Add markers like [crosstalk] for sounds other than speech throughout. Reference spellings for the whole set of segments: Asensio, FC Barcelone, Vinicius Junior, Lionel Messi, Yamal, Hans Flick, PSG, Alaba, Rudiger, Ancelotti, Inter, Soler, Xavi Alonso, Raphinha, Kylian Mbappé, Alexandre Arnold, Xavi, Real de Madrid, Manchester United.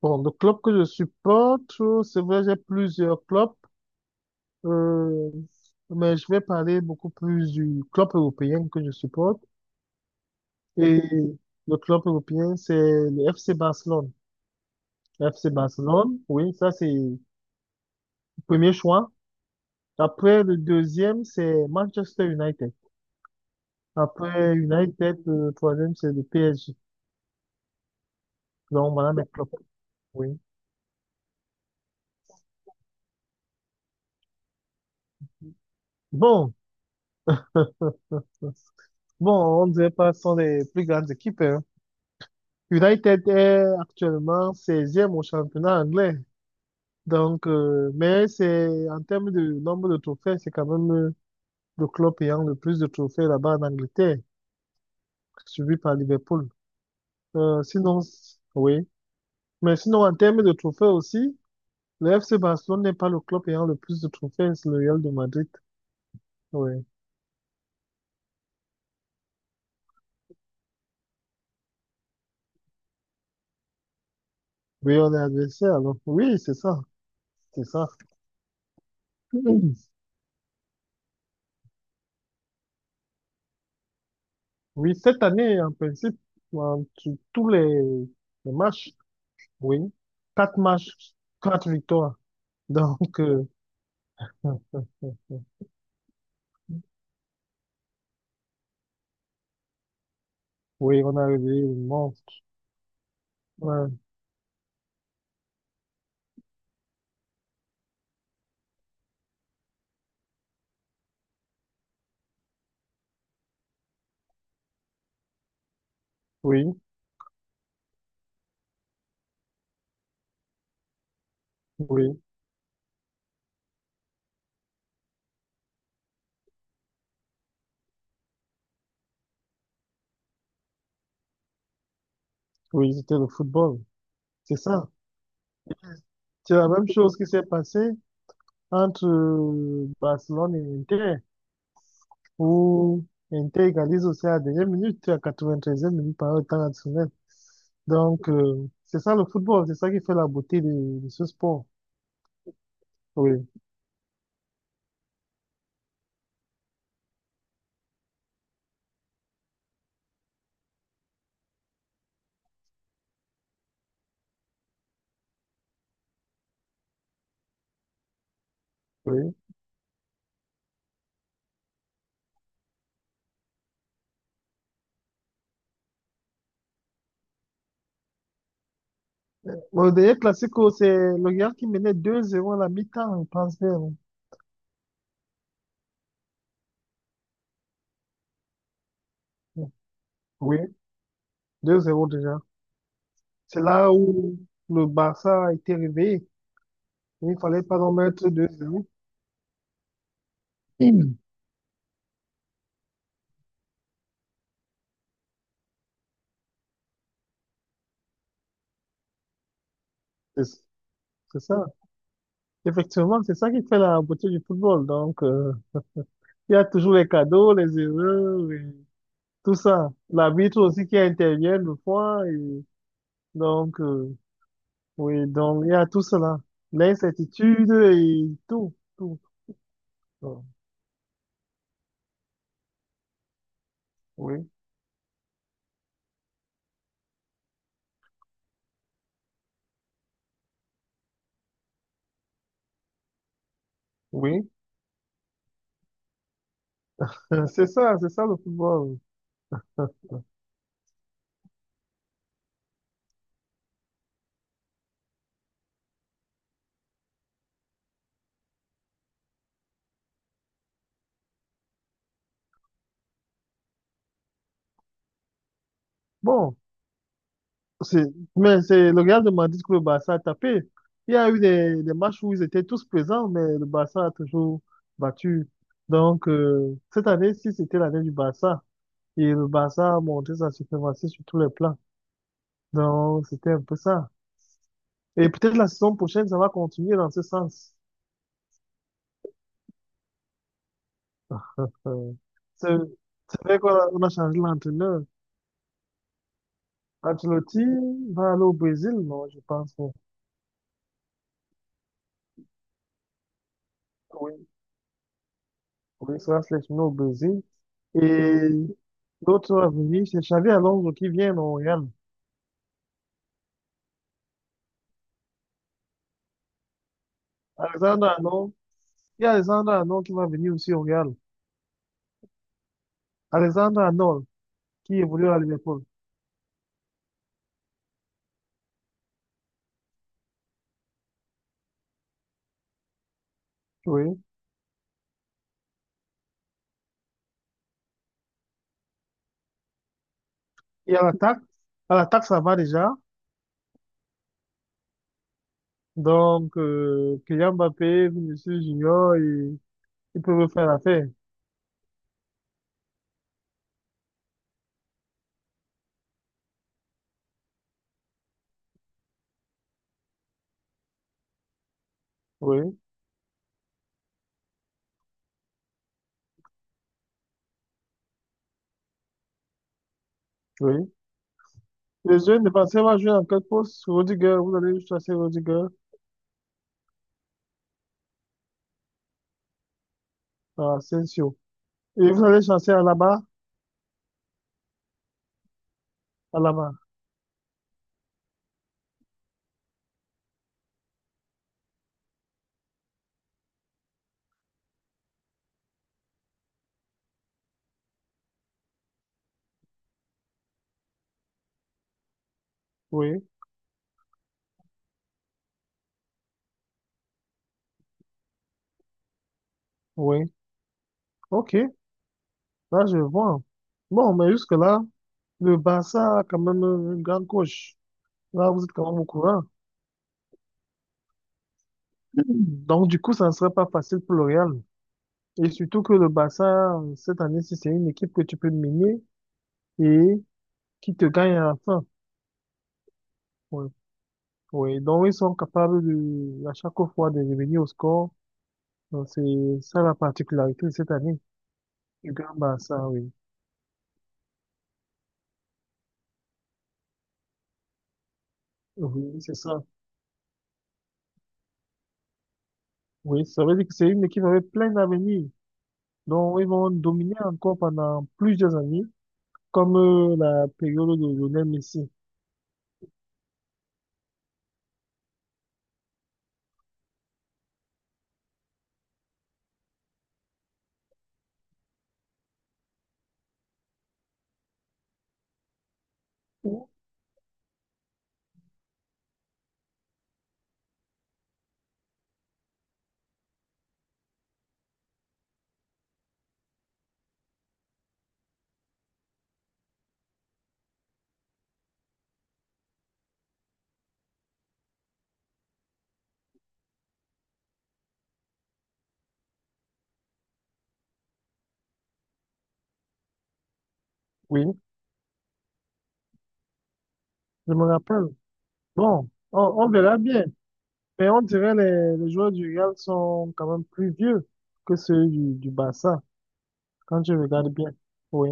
Bon, le club que je supporte, c'est vrai, j'ai plusieurs clubs, euh, mais je vais parler beaucoup plus du club européen que je supporte. Et le club européen, c'est le FC Barcelone. Le FC Barcelone, oui, ça c'est le premier choix. Après, le deuxième, c'est Manchester United. Après United, le troisième, c'est le PSG. Donc, voilà mes clubs. Oui. Bon, bon, on ne dirait pas ce sont les plus grandes équipes, hein. United est actuellement seizième au championnat anglais. Donc, mais c'est en termes de nombre de trophées, c'est quand même le club ayant le plus de trophées là-bas en Angleterre, suivi par Liverpool. Sinon, s- Oui. Mais sinon, en termes de trophées aussi, le FC Barcelone n'est pas le club ayant le plus de trophées, c'est le Real de Madrid. Oui. Oui, on est adversaire, alors. Oui, c'est ça. C'est ça. [clears throat] Oui, cette année, en principe, sur tous les matchs. Oui, quatre matchs, quatre victoires. [laughs] Donc, oui, on a réveillé le monstre. Ouais. Oui, oui, oui, c'était le football. C'est ça. C'est la même chose qui s'est passée entre Barcelone et Inter, où Inter égalise aussi à la dernière minute, à la 93e minute par le temps additionnel. Donc, c'est ça le football, c'est ça qui fait la beauté de ce sport. Oui, oui. Bon, le dernier classico, c'est le Real qui menait 2-0 à la mi-temps, je pense bien. Oui, deux zéro déjà. C'est là où le Barça a été réveillé. Il ne fallait pas en mettre deux zéro. Mm. C'est c'est ça. Effectivement, c'est ça qui fait la beauté du football. Donc, il y a toujours les cadeaux, les erreurs, et tout ça. L'arbitre aussi qui intervient le fois. Et donc, oui, donc il y a tout cela. L'incertitude et tout, tout. Donc, oui, oui. [laughs] C'est ça le football. Bon. C'est- Mais c'est le Real de Madrid que le Barça a tapé. Il y a eu des matchs où ils étaient tous présents, mais le Barça a toujours battu. Donc, cette année, si c'était l'année du Barça, et le Barça a montré sa suprématie sur tous les plans. Donc, c'était un peu ça. Et peut-être la saison prochaine, ça va continuer dans ce sens. Euh, c'est c'est vrai qu'on a changé l'entraîneur. Ancelotti va aller au Brésil, non, je pense. Oui. Oui, ça se laisse nous au Brésil. Et l'autre va venir, c'est Xavi Alonso qui vient au Real. Alexandre Arnold, il y a Alexandre Arnold qui va venir aussi au Real. Alexandre Arnold qui évolue à Liverpool. Oui. Et à l'attaque, ça va déjà. Donc, Kylian Mbappé, Vinicius Junior, ils peuvent faire l'affaire. Oui, oui. Les jeunes défenseurs vont jouer en quatre postes. Rudiger, vous allez chasser Rudiger, Asensio. Et vous allez chasser Alaba, Alaba. Oui, oui. OK. Là, je vois. Bon, mais jusque-là, le Barça a quand même un grand coach. Là, vous êtes quand même au courant. Donc, du coup, ça ne serait pas facile pour le Real. Et surtout que le Barça, cette année, si c'est une équipe que tu peux mener et qui te gagne à la fin. Oui, oui. Donc, ils sont capables de, à chaque fois de revenir au score. Donc, c'est ça la particularité de cette année du grand Barça, oui. Oui, c'est ça. Oui, ça veut dire que c'est une équipe avec plein d'avenir. Donc, ils vont dominer encore pendant plusieurs années, comme la période de Lionel Messi. Ou- Oui, je me rappelle. Bon, on verra bien. Mais on dirait les joueurs du Real sont quand même plus vieux que ceux du Barça, quand je regarde bien. Oui,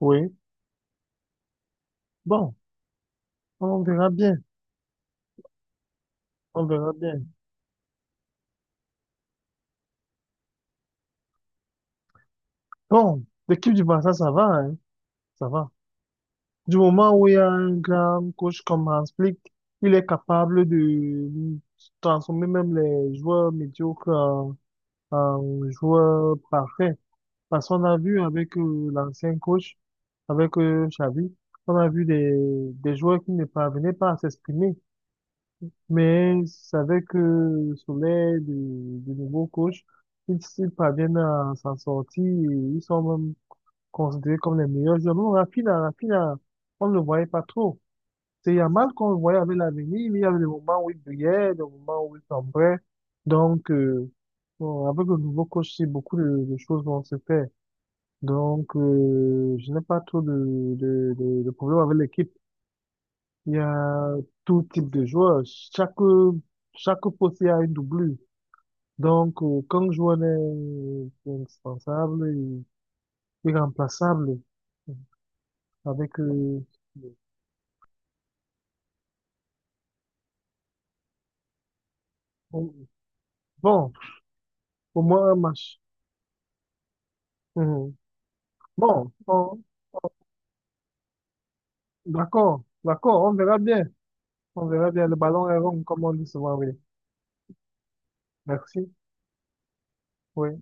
oui. Bon, on verra bien. On verra bien. Bon, l'équipe du Barça, ça va, hein, ça va. Du moment où il y a un grand coach comme Hans Flick, il est capable de transformer même les joueurs médiocres en, en joueurs parfaits. Parce qu'on a vu avec l'ancien coach, avec Xavi, on a vu des joueurs qui ne parvenaient pas à s'exprimer. Mais c'est avec Soler, du nouveau coach, ils parviennent à s'en sortir. Et ils sont même considérés comme les meilleurs joueurs. Non, Raphinha, on ne le voyait pas trop. C'est Yamal qu'on voyait avec l'avenir, mais il y avait des moments où il brillait, des moments où il sombrait. Donc, bon, avec le nouveau coach, c'est beaucoup de choses vont se faire. Donc, je n'ai pas trop de problème avec l'équipe. Il y a tout type de joueurs. Chaque, chaque poste, il y a une doublure. Donc, quand le joueur est indispensable et irremplaçable, avec, on- bon, au moins un match. Mhm. Bon, d'accord, d'accord, on verra bien. On verra bien. Le ballon est rond, comme on dit souvent, oui. Merci. Oui.